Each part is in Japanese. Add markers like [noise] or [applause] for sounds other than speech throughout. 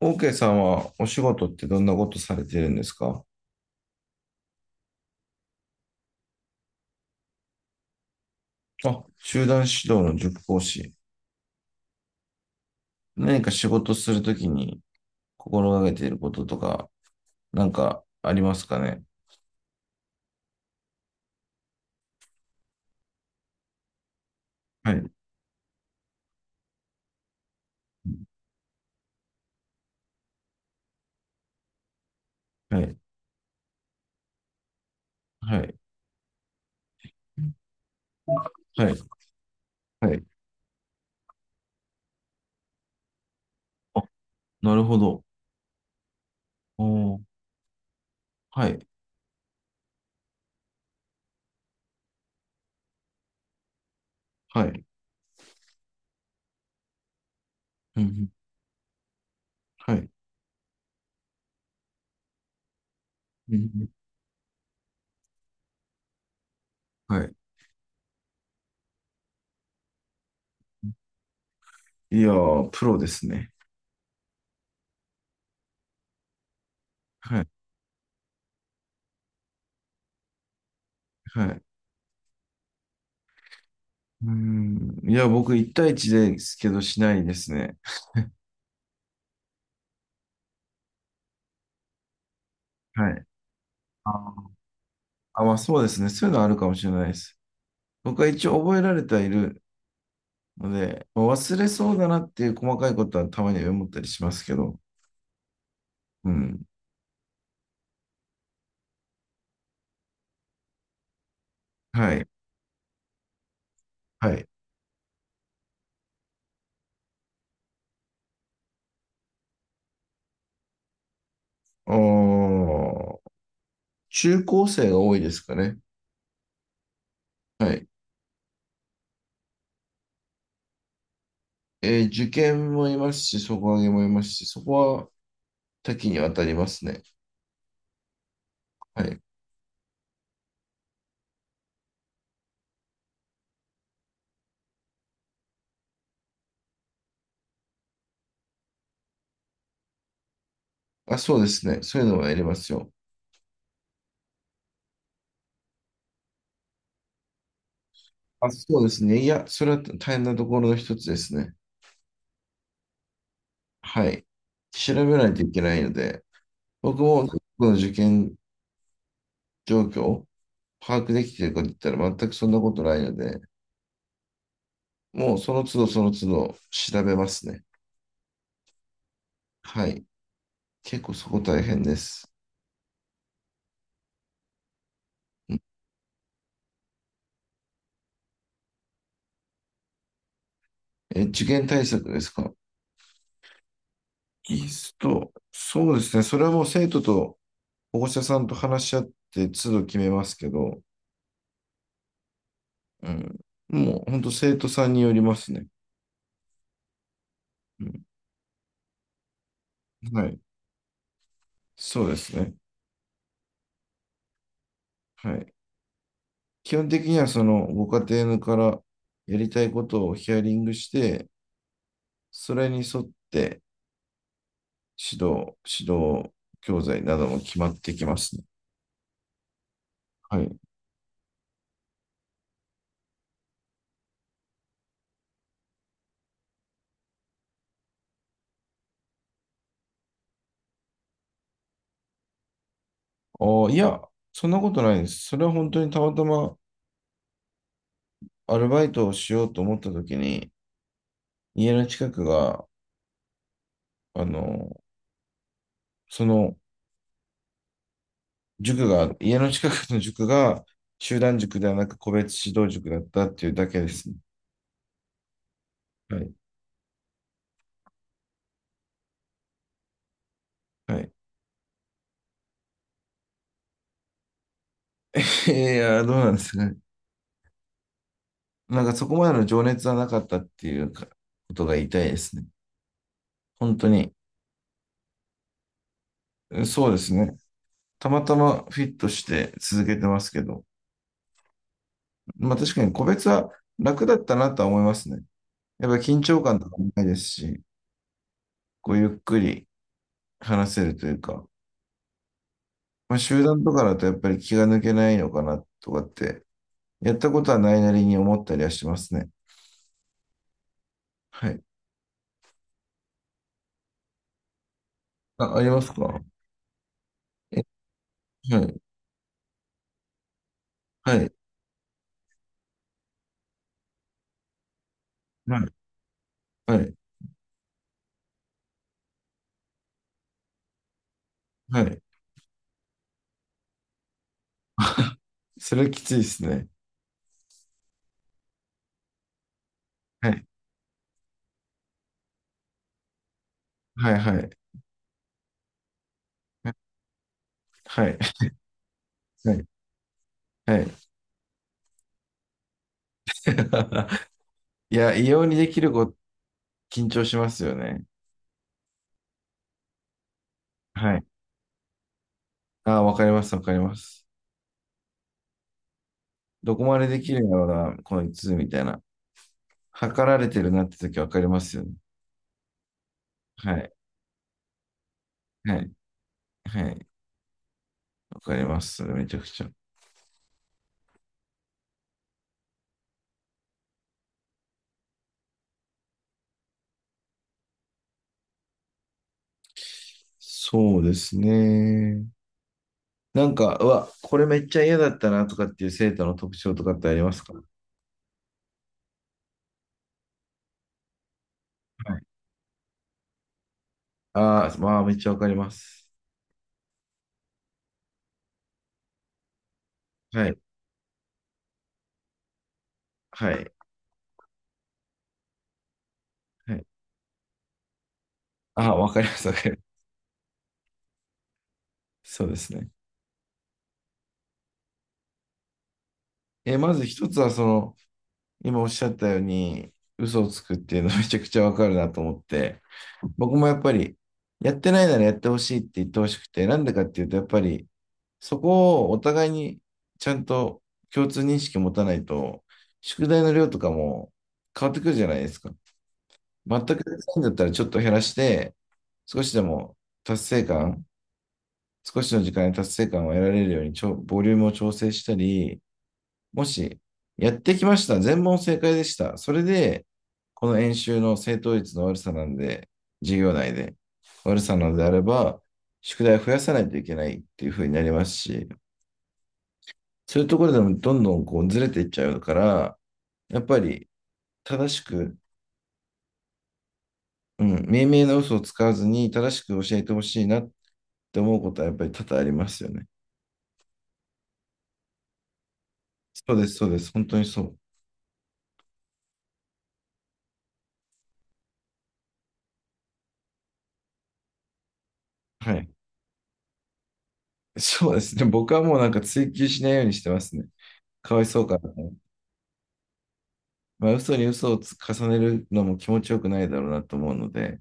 OK さんはお仕事ってどんなことされてるんですか？あ、集団指導の塾講師。何か仕事するときに心がけていることとか、なんかありますかね？はい。はい。はい。はい。はい。あ、なるほど。おー、はい。はい。うんうん。はい。うんうん。はい。いやー、プロですね。はい。はい。うーん。いや、僕、1対1ですけど、しないですね。[laughs] はい。あ、まあそうですね。そういうのはあるかもしれないです。僕は一応覚えられてはいるので、まあ忘れそうだなっていう細かいことはたまには思ったりしますけど。うん。はい。はい。おー、中高生が多いですかね。はい。えー、受験もいますし、底上げもいますし、そこは多岐にわたりますね。はい。あ、そうですね。そういうのはやりますよ。あ、そうですね。いや、それは大変なところの一つですね。はい。調べないといけないので、僕も僕の受験状況を把握できているかといったら全くそんなことないので、もうその都度その都度調べますね。はい。結構そこ大変です。え、受験対策ですか？技スト、そうですね。それはもう生徒と保護者さんと話し合って都度決めますけど、うん。もう本当生徒さんによりますね。うん。はい。そうですね。はい。基本的にはそのご家庭からやりたいことをヒアリングして、それに沿って指導教材なども決まってきますね。はい。ああ、いや、そんなことないです。それは本当にたまたまアルバイトをしようと思った時に、家の近くが、あの、その塾が、家の近くの塾が集団塾ではなく個別指導塾だったっていうだけですね。はい。はい。[laughs] いや、どうなんですかね。なんかそこまでの情熱はなかったっていうかことが言いたいですね。本当に。そうですね。たまたまフィットして続けてますけど。まあ確かに個別は楽だったなとは思いますね。やっぱ緊張感とかもないですし、こうゆっくり話せるというか、まあ、集団とかだとやっぱり気が抜けないのかなとかって、やったことはないなりに思ったりはしますね。はい。あ、ありますか？え、はい、はい、はい、はい、はい。それきついですね。はい、はい、はい、はい、はい、はい。[laughs] いや、異様にできる子、緊張しますよね。はい。あ、わかります、わかります。どこまでできるんだろうな、こいつ、みたいな。測られてるなって時わかりますよね。はい、はい、はい。わかります。それめちゃくちゃ。そうですね。なんか、うわ、これめっちゃ嫌だったなとかっていう生徒の特徴とかってありますか？はい。ああ、まあ、めっちゃわかります。はい、はい、はい。ああ、わかります、わかります。そうですね。え、まず一つは、その、今おっしゃったように、嘘をつくっていうのめちゃくちゃわかるなと思って、僕もやっぱり、やってないならやってほしいって言ってほしくて、なんでかっていうと、やっぱり、そこをお互いにちゃんと共通認識持たないと、宿題の量とかも変わってくるじゃないですか。全くできないんだったらちょっと減らして、少しでも達成感、少しの時間に達成感を得られるようにボリュームを調整したり、もし、やってきました。全問正解でした。それで、この演習の正答率の悪さなんで、授業内で悪さなのであれば、宿題を増やさないといけないっていう風になりますし、そういうところでもどんどんこうずれていっちゃうから、やっぱり正しく、うん、明明な嘘を使わずに正しく教えてほしいなって思うことはやっぱり多々ありますよね。そうです、そうです。本当にそう。はい。そうですね。僕はもうなんか追求しないようにしてますね。かわいそうかなと思っ。まあ、嘘に嘘をつ重ねるのも気持ちよくないだろうなと思うので、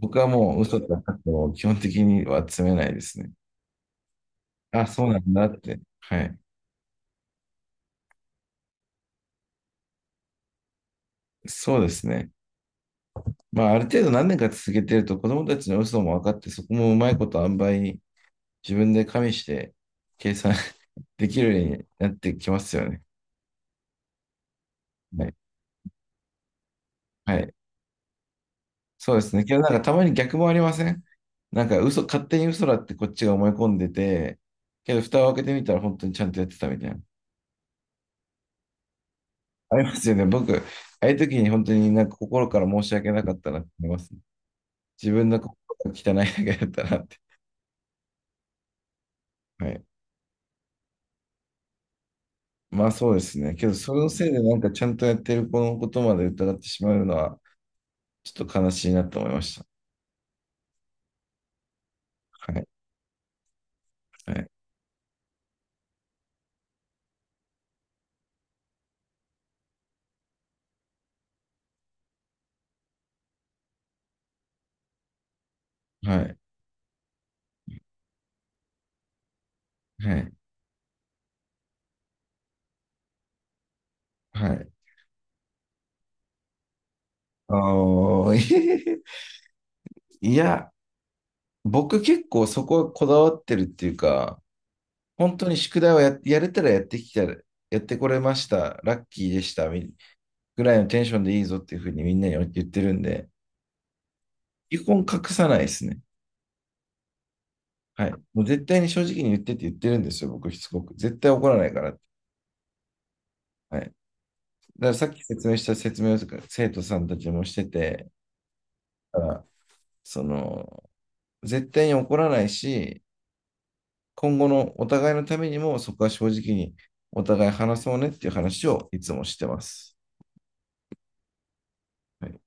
僕はもう嘘とかを基本的には詰めないですね。あ、そうなんだって。はい。そうですね。まあ、ある程度何年か続けてると子供たちの嘘も分かって、そこもうまいこと塩梅に自分で加味して計算 [laughs] できるようになってきますよね。はい。はい。そうですね。けどなんかたまに逆もありません？なんか嘘、勝手に嘘だってこっちが思い込んでて、けど蓋を開けてみたら本当にちゃんとやってたみたいな。ありますよね。僕、ああいう時に本当になんか心から申し訳なかったなって思いますね。自分の心が汚いだけだったなって。はい。まあそうですね。けど、そのせいでなんかちゃんとやってる子のことまで疑ってしまうのは、ちょっと悲しいなと思いました。はい。はい。はい。はい。はい、あー。 [laughs] いや、僕結構そこはこだわってるっていうか、本当に宿題をや、やれたらやってきた、やってこれました、ラッキーでした、みぐらいのテンションでいいぞっていうふうにみんなに言ってるんで、基本隠さないですね。はい。もう絶対に正直に言ってって言ってるんですよ、僕しつこく。絶対怒らないからって。はい。だからさっき説明した説明を生徒さんたちもしてて、だからその、絶対に怒らないし、今後のお互いのためにもそこは正直にお互い話そうねっていう話をいつもしてます。はい。